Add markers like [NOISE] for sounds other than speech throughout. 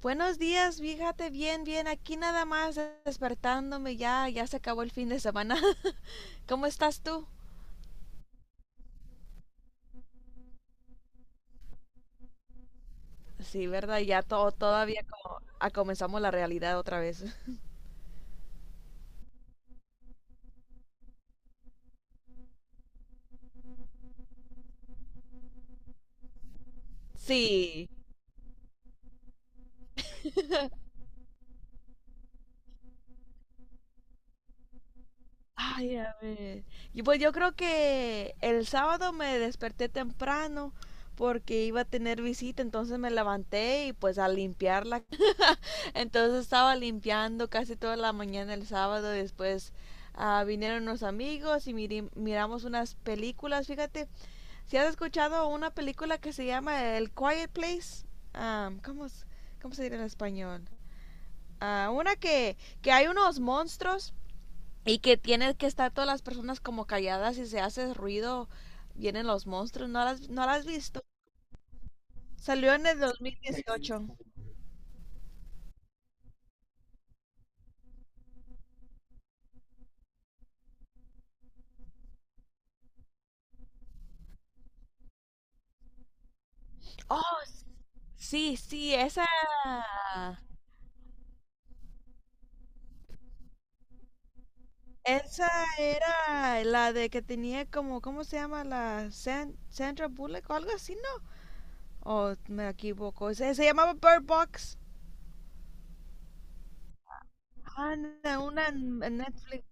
Buenos días, fíjate bien, bien, aquí nada más despertándome, ya se acabó el fin de semana. [LAUGHS] ¿Cómo estás tú? Sí, ¿verdad? Ya todavía como comenzamos la realidad otra vez. [LAUGHS] Sí. Ay, a ver. Y pues yo creo que el sábado me desperté temprano porque iba a tener visita, entonces me levanté y pues a limpiar la. Entonces estaba limpiando casi toda la mañana el sábado. Después vinieron unos amigos y miramos unas películas. Fíjate, si has escuchado una película que se llama El Quiet Place. Ah, ¿cómo, cómo se dirá en español? Ah, una que hay unos monstruos y que tiene que estar todas las personas como calladas y se hace ruido, vienen los monstruos. No la has visto? Salió en el 2018. Oh, sí, sí, esa. Esa era la de que tenía como, ¿cómo se llama? La Sandra Bullock o algo así, ¿no? O me equivoco. Se llamaba Bird Box. Ah, no, una en Netflix.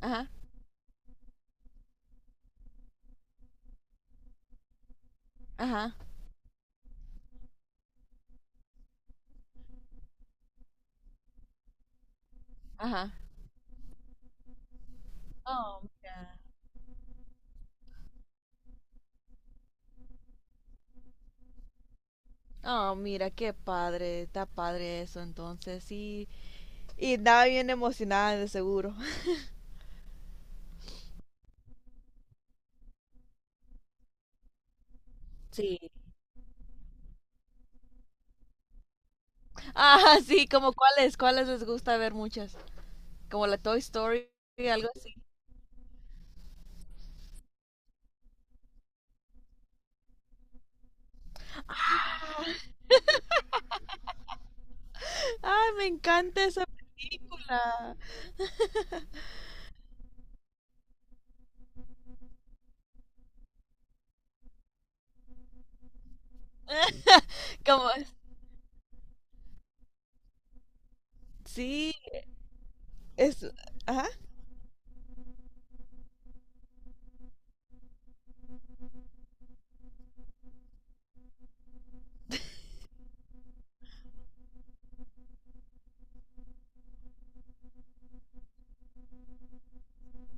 Ajá, ajá, ajá. Oh, mira. Oh, mira, qué padre. Está padre eso, entonces. Sí. Y estaba bien emocionada, de seguro. [LAUGHS] Sí. Ah, sí, como cuáles les gusta ver muchas. Como la Toy Story, algo así. Ay, me encanta esa película. Como, sí, es, ajá.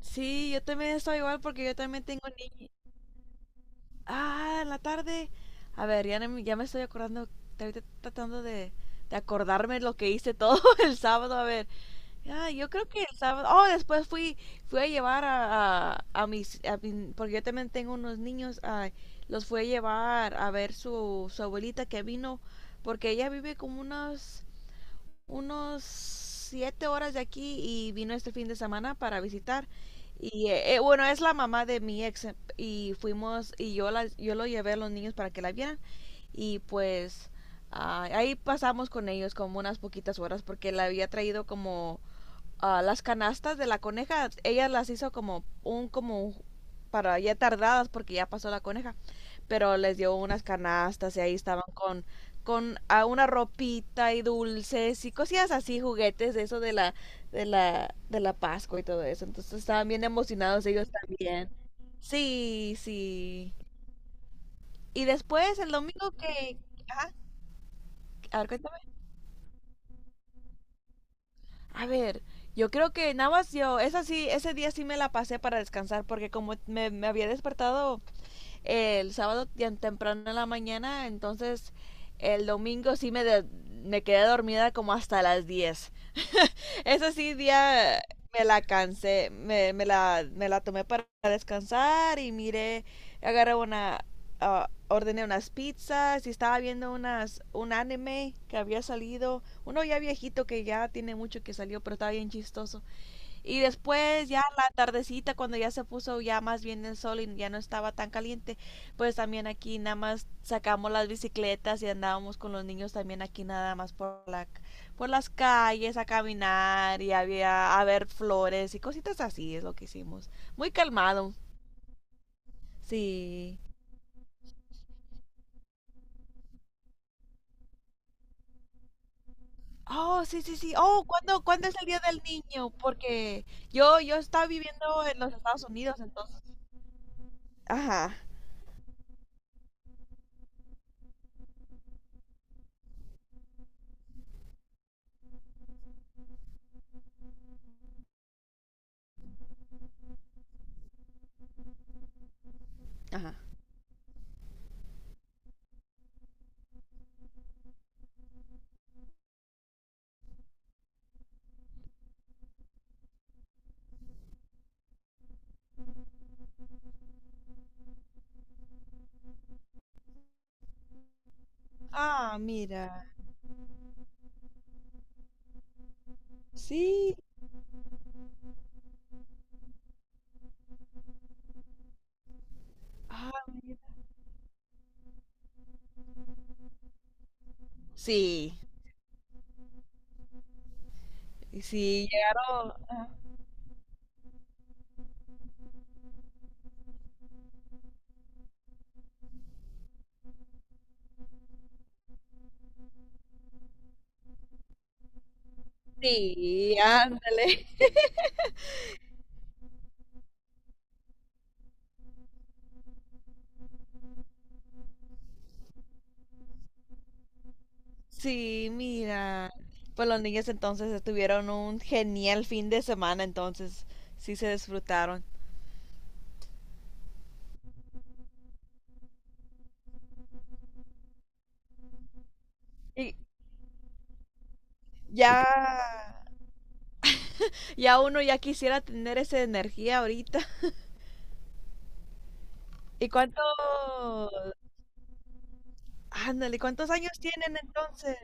Sí, yo también estoy igual porque yo también tengo niños. Ah, en la tarde. A ver, ya, no me- ya me estoy acordando, ahorita tratando de acordarme lo que hice todo [LAUGHS] el sábado. A ver, yo creo que el sábado. Oh, después fui a llevar a mis, a mi- porque yo también tengo unos niños. Los fui a llevar a ver su abuelita que vino, porque ella vive como unos 7 horas de aquí y vino este fin de semana para visitar. Y bueno, es la mamá de mi ex y fuimos y yo lo llevé a los niños para que la vieran y pues ahí pasamos con ellos como unas poquitas horas porque la había traído como las canastas de la coneja, ella las hizo como un como para ya tardadas porque ya pasó la coneja, pero les dio unas canastas y ahí estaban con una ropita y dulces y cosillas así, juguetes de eso de la Pascua y todo eso. Entonces estaban bien emocionados ellos también. Sí, sí. Y después el domingo que ajá, a ver, cuéntame. A ver, yo creo que nada más yo, esa sí, ese día sí me la pasé para descansar porque como me había despertado el sábado tan temprano en la mañana, entonces el domingo sí me quedé dormida como hasta las 10. Ese sí día me la cansé, me la tomé para descansar y miré, agarré ordené unas pizzas y estaba viendo un anime que había salido, uno ya viejito que ya tiene mucho que salió, pero estaba bien chistoso. Y después ya la tardecita cuando ya se puso ya más bien el sol y ya no estaba tan caliente, pues también aquí nada más sacamos las bicicletas y andábamos con los niños también aquí nada más por las calles a caminar y había a ver flores y cositas así es lo que hicimos. Muy calmado. Sí. Oh, sí, sí, sí. Oh, ¿cuándo es el Día del Niño? Porque yo estaba viviendo en los Estados Unidos, entonces. Ajá, ajá. Ah, mira. Sí, ah, mira. Sí, sí, llegaron. Ajá. Sí, ándale. [LAUGHS] Sí, mira. Pues los niños entonces tuvieron un genial fin de semana, entonces sí se disfrutaron. Y ya, ya uno ya quisiera tener esa energía ahorita. ¿Y cuánto? Ándale, ¿cuántos años tienen entonces?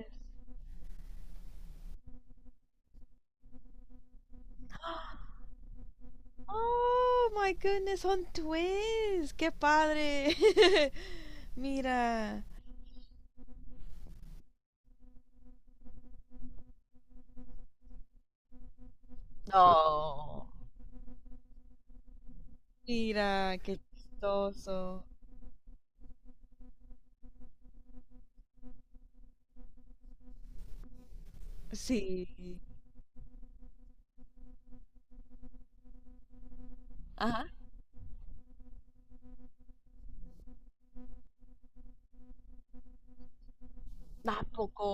Oh my goodness, son twins. Qué padre. [LAUGHS] Mira. No. Mira, qué chistoso. Sí. Ajá. ¿A poco?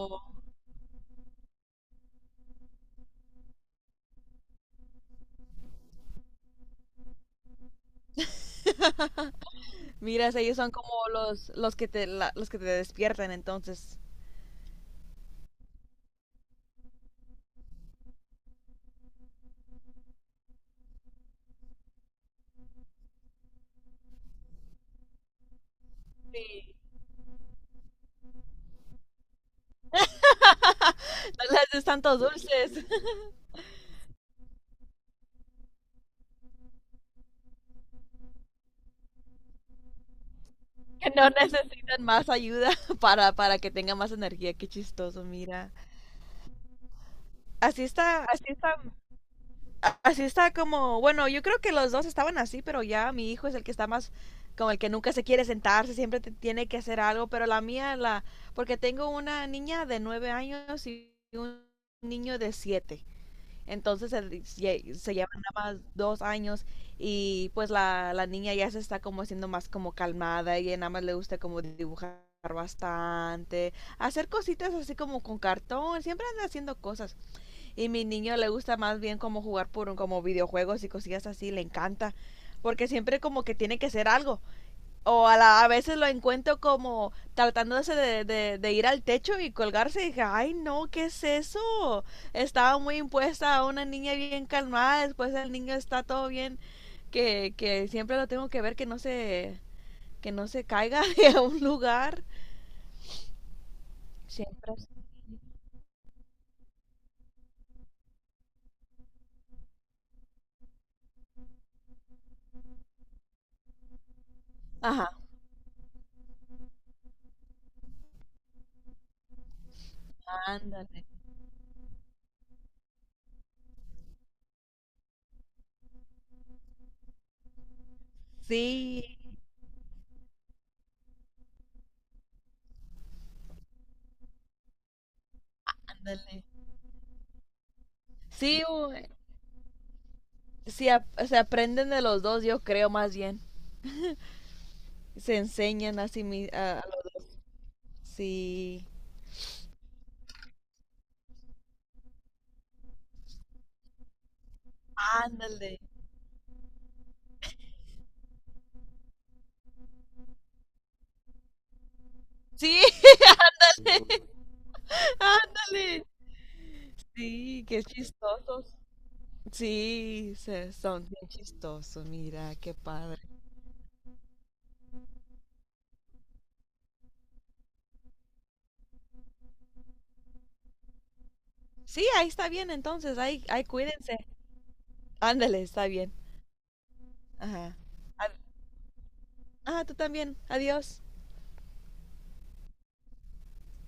Mira, si ellos son como los que los que te despiertan, entonces. Sí. No les des tantos dulces. [LAUGHS] Que no necesitan más ayuda [LAUGHS] para que tengan más energía. Qué chistoso, mira. Así está, así está así está como, bueno, yo creo que los dos estaban así, pero ya mi hijo es el que está más como el que nunca se quiere sentarse, siempre tiene que hacer algo, pero porque tengo una niña de 9 años y un niño de 7, entonces se llevan nada más 2 años y pues la niña ya se está como haciendo más como calmada y nada más le gusta como dibujar bastante, hacer cositas así como con cartón, siempre anda haciendo cosas. Y mi niño le gusta más bien como jugar como videojuegos y cosillas así, le encanta. Porque siempre como que tiene que ser algo. A veces lo encuentro como tratándose de ir al techo y colgarse. Y dije, ay no, ¿qué es eso? Estaba muy impuesta a una niña bien calmada. Después el niño está todo bien. Que siempre lo tengo que ver que no se caiga [LAUGHS] de un lugar. Siempre. Ajá. Ándale. Sí, ándale. Sí, sí, o sea, aprenden de los dos, yo creo más bien. Se enseñan a sí mismos. Sí. Ándale. Sí, [LAUGHS] ándale. Sí, qué chistosos. Sí, son bien chistosos. Mira, qué padre. Sí, ahí está bien, entonces. Ahí cuídense. Ándale, está bien. Ajá. Ad- Ah, tú también. Adiós.